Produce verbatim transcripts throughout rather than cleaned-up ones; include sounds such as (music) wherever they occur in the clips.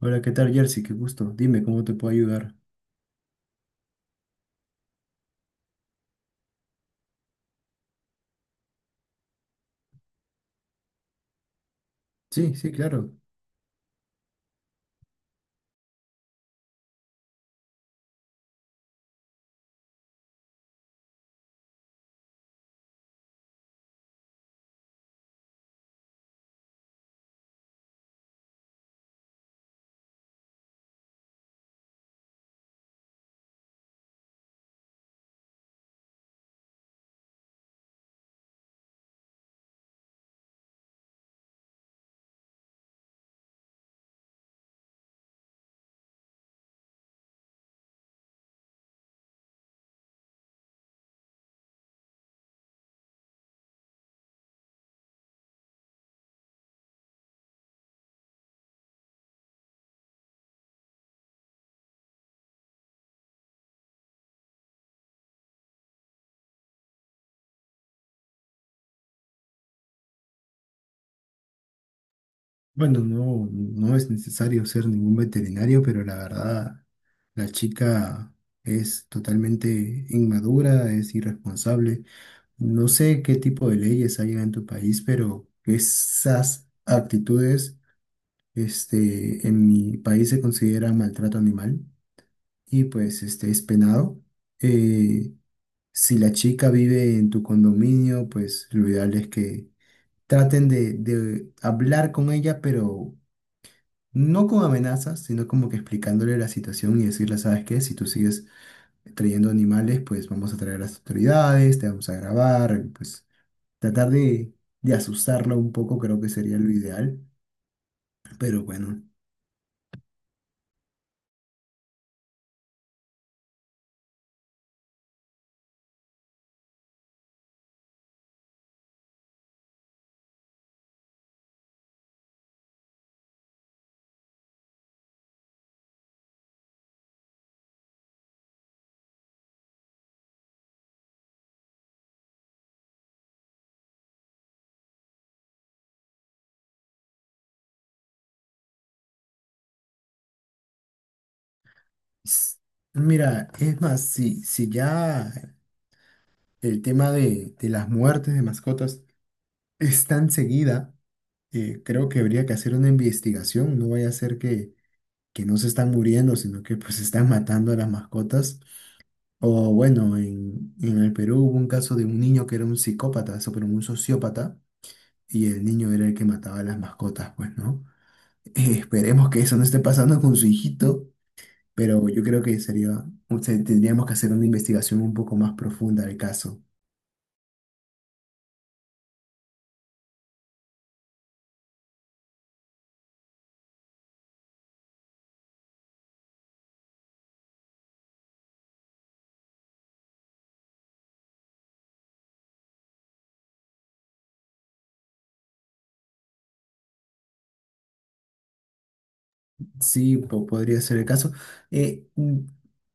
Hola, ¿qué tal, Jersey? Qué gusto. Dime, ¿cómo te puedo ayudar? Sí, sí, claro. Bueno, no, no es necesario ser ningún veterinario, pero la verdad, la chica es totalmente inmadura, es irresponsable. No sé qué tipo de leyes hay en tu país, pero esas actitudes, este, en mi país se considera maltrato animal y pues este es penado. Eh, si la chica vive en tu condominio, pues lo ideal es que traten de, de hablar con ella, pero no con amenazas, sino como que explicándole la situación y decirle, ¿sabes qué? Si tú sigues trayendo animales, pues vamos a traer a las autoridades, te vamos a grabar, pues tratar de, de asustarla un poco creo que sería lo ideal, pero bueno. s- Mira, es más, si, si ya el tema de, de las muertes de mascotas es tan seguida, eh, creo que habría que hacer una investigación, no vaya a ser que que no se están muriendo, sino que pues están matando a las mascotas. O bueno, en, en el Perú hubo un caso de un niño que era un psicópata, eso, pero un sociópata, y el niño era el que mataba a las mascotas, pues, ¿no? (laughs) Esperemos que eso no esté pasando con su hijito, pero yo creo que sería, o sea, tendríamos que hacer una investigación un poco más profunda del caso. Sí, po- podría ser el caso. Eh, mm,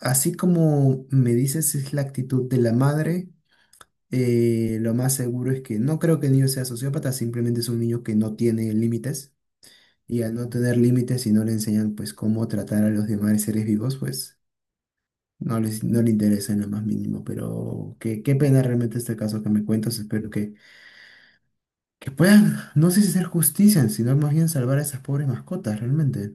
Así como me dices, es la actitud de la madre. Eh, lo más seguro es que no creo que el niño sea sociópata, simplemente es un niño que no tiene límites y al no tener límites y no le enseñan pues cómo tratar a los demás seres vivos, pues no les, no le interesa en lo más mínimo. Pero qué, qué pena realmente este caso que me cuentas, espero que, que puedan, no sé si hacer justicia, sino más bien salvar a esas pobres mascotas realmente.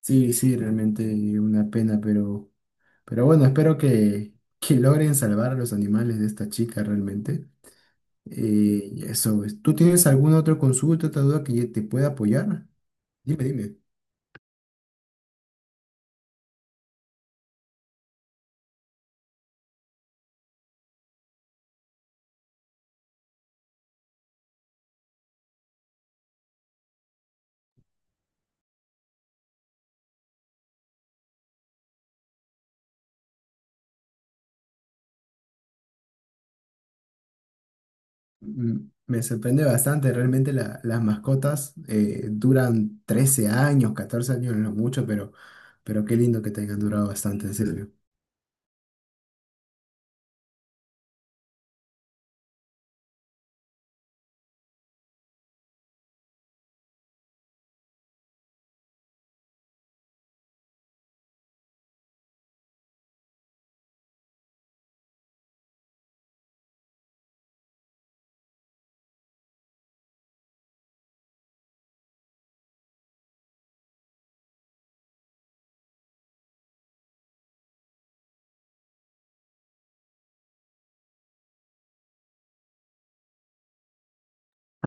Sí, sí, realmente una pena, pero, pero bueno, espero que, que logren salvar a los animales de esta chica realmente. Y eso, pues. ¿Tú tienes alguna otra consulta, otra duda que te pueda apoyar? Dime, dime. Mm, Me sorprende bastante, realmente la- las mascotas eh, duran trece años, catorce años, no mucho, pero, pero qué lindo que te hayan durado bastante, en serio.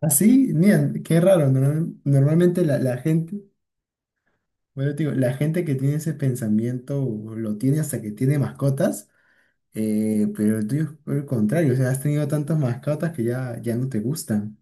Ah, sí, mira, qué raro. Normal- normalmente la, la gente, bueno, te digo, la gente que tiene ese pensamiento lo tiene hasta que tiene mascotas, eh, pero el tuyo es por el contrario, o sea, has tenido tantas mascotas que ya, ya no te gustan.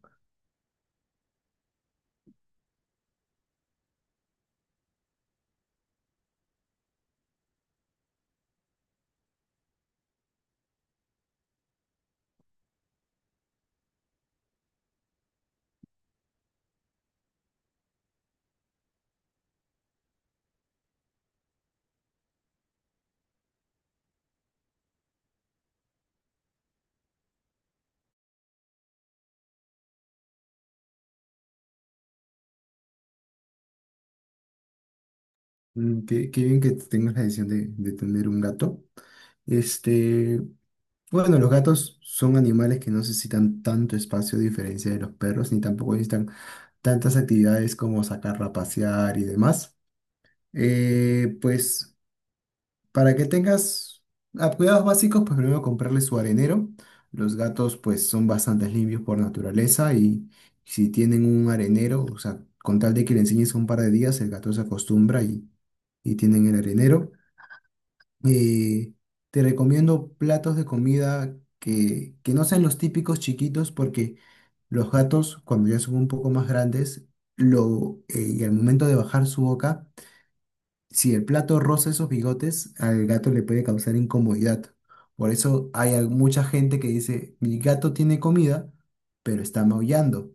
Mm, Qué, qué bien que tengas la decisión de, de tener un gato. Este, bueno, los gatos son animales que no necesitan tanto espacio a diferencia de los perros, ni tampoco necesitan tantas actividades como sacarla a pasear y demás. Eh, pues para que tengas ah, cuidados básicos, pues primero comprarle su arenero. Los gatos pues son bastante limpios por naturaleza y si tienen un arenero, o sea, con tal de que le enseñes un par de días, el gato se acostumbra y, y tienen el arenero. Eh, Te recomiendo platos de comida que, que no sean los típicos chiquitos porque los gatos cuando ya son un poco más grandes lo, eh, y al momento de bajar su boca, si el plato roza esos bigotes, al gato le puede causar incomodidad. Por eso hay al- mucha gente que dice, mi gato tiene comida, pero está maullando.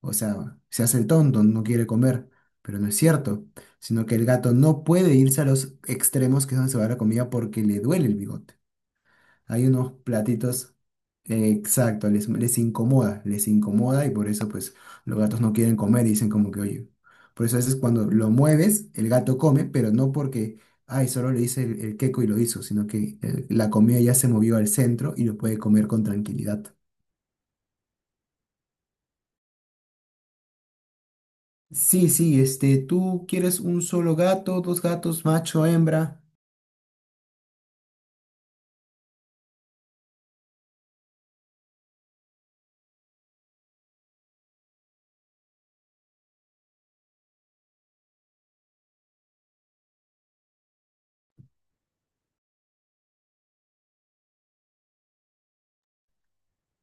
O sea, se hace el tonto, no quiere comer, pero no es cierto, sino que el gato no puede irse a los extremos que es donde se va la comida porque le duele el bigote. Hay unos platitos, eh, exacto, les, les incomoda, les incomoda y por eso pues los gatos no quieren comer y dicen como que, oye, por eso a veces cuando lo mueves, el gato come, pero no porque, ay, solo le hice el, el queco y lo hizo, sino que eh, la comida ya se movió al centro y lo puede comer con tranquilidad. Sí, sí, este, tú quieres un solo gato, dos gatos, macho, hembra,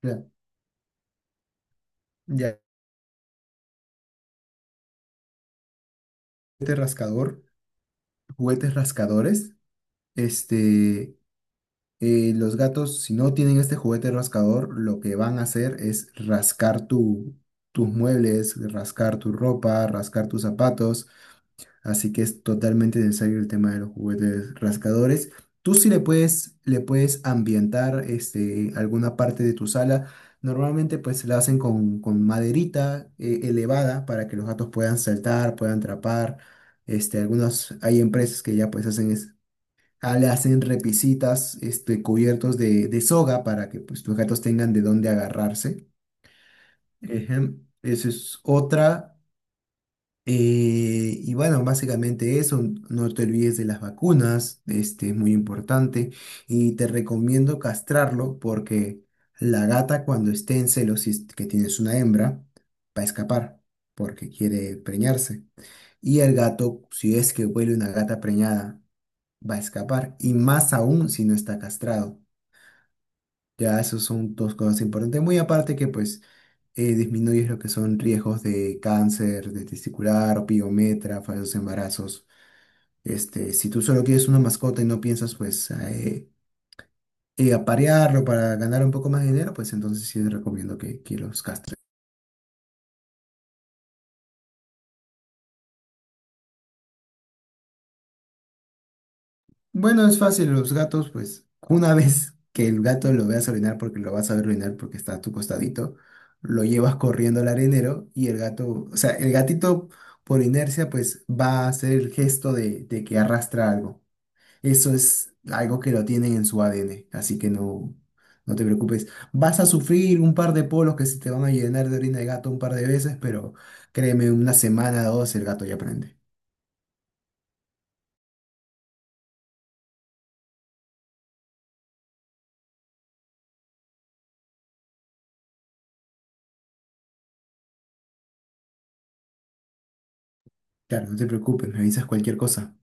ya, ya, juguete rascador, juguetes rascadores, este, eh, los gatos, si no tienen este juguete rascador, lo que van a hacer es rascar tu, tus muebles, rascar tu ropa, rascar tus zapatos. Así que es totalmente necesario el tema de los juguetes rascadores. Tú sí le puedes, le puedes ambientar este, alguna parte de tu sala. Normalmente pues la hacen con, con maderita eh, elevada para que los gatos puedan saltar, puedan trepar. Este, algunos, hay empresas que ya pues hacen es, ah, le hacen repisitas, este, cubiertos de, de soga para que pues tus gatos tengan de dónde agarrarse. Ejem, esa es otra. Eh, y bueno, básicamente eso, no te olvides de las vacunas, este es muy importante y te recomiendo castrarlo porque la gata cuando esté en celos, si es que tienes una hembra, va a escapar porque quiere preñarse. Y el gato, si es que huele una gata preñada, va a escapar y más aún si no está castrado. Ya, esos son dos cosas importantes. Muy aparte que pues eh, disminuyes lo que son riesgos de cáncer, de testicular, opiometra, falsos embarazos. Este, si tú solo quieres una mascota y no piensas pues a, eh, eh, aparearlo para ganar un poco más de dinero, pues entonces sí te recomiendo que, que los castres. Bueno, es fácil, los gatos, pues una (laughs) vez que el gato lo veas orinar porque lo vas a ver orinar porque está a tu costadito, lo llevas corriendo al arenero y el gato, o sea, el gatito por inercia pues va a hacer el gesto de, de que arrastra algo. Eso es algo que lo tienen en su A D N, así que no, no te preocupes. Vas a sufrir un par de polos que se te van a llenar de orina de gato un par de veces, pero créeme, una semana o dos el gato ya aprende. Claro, no te preocupes, me avisas cualquier cosa.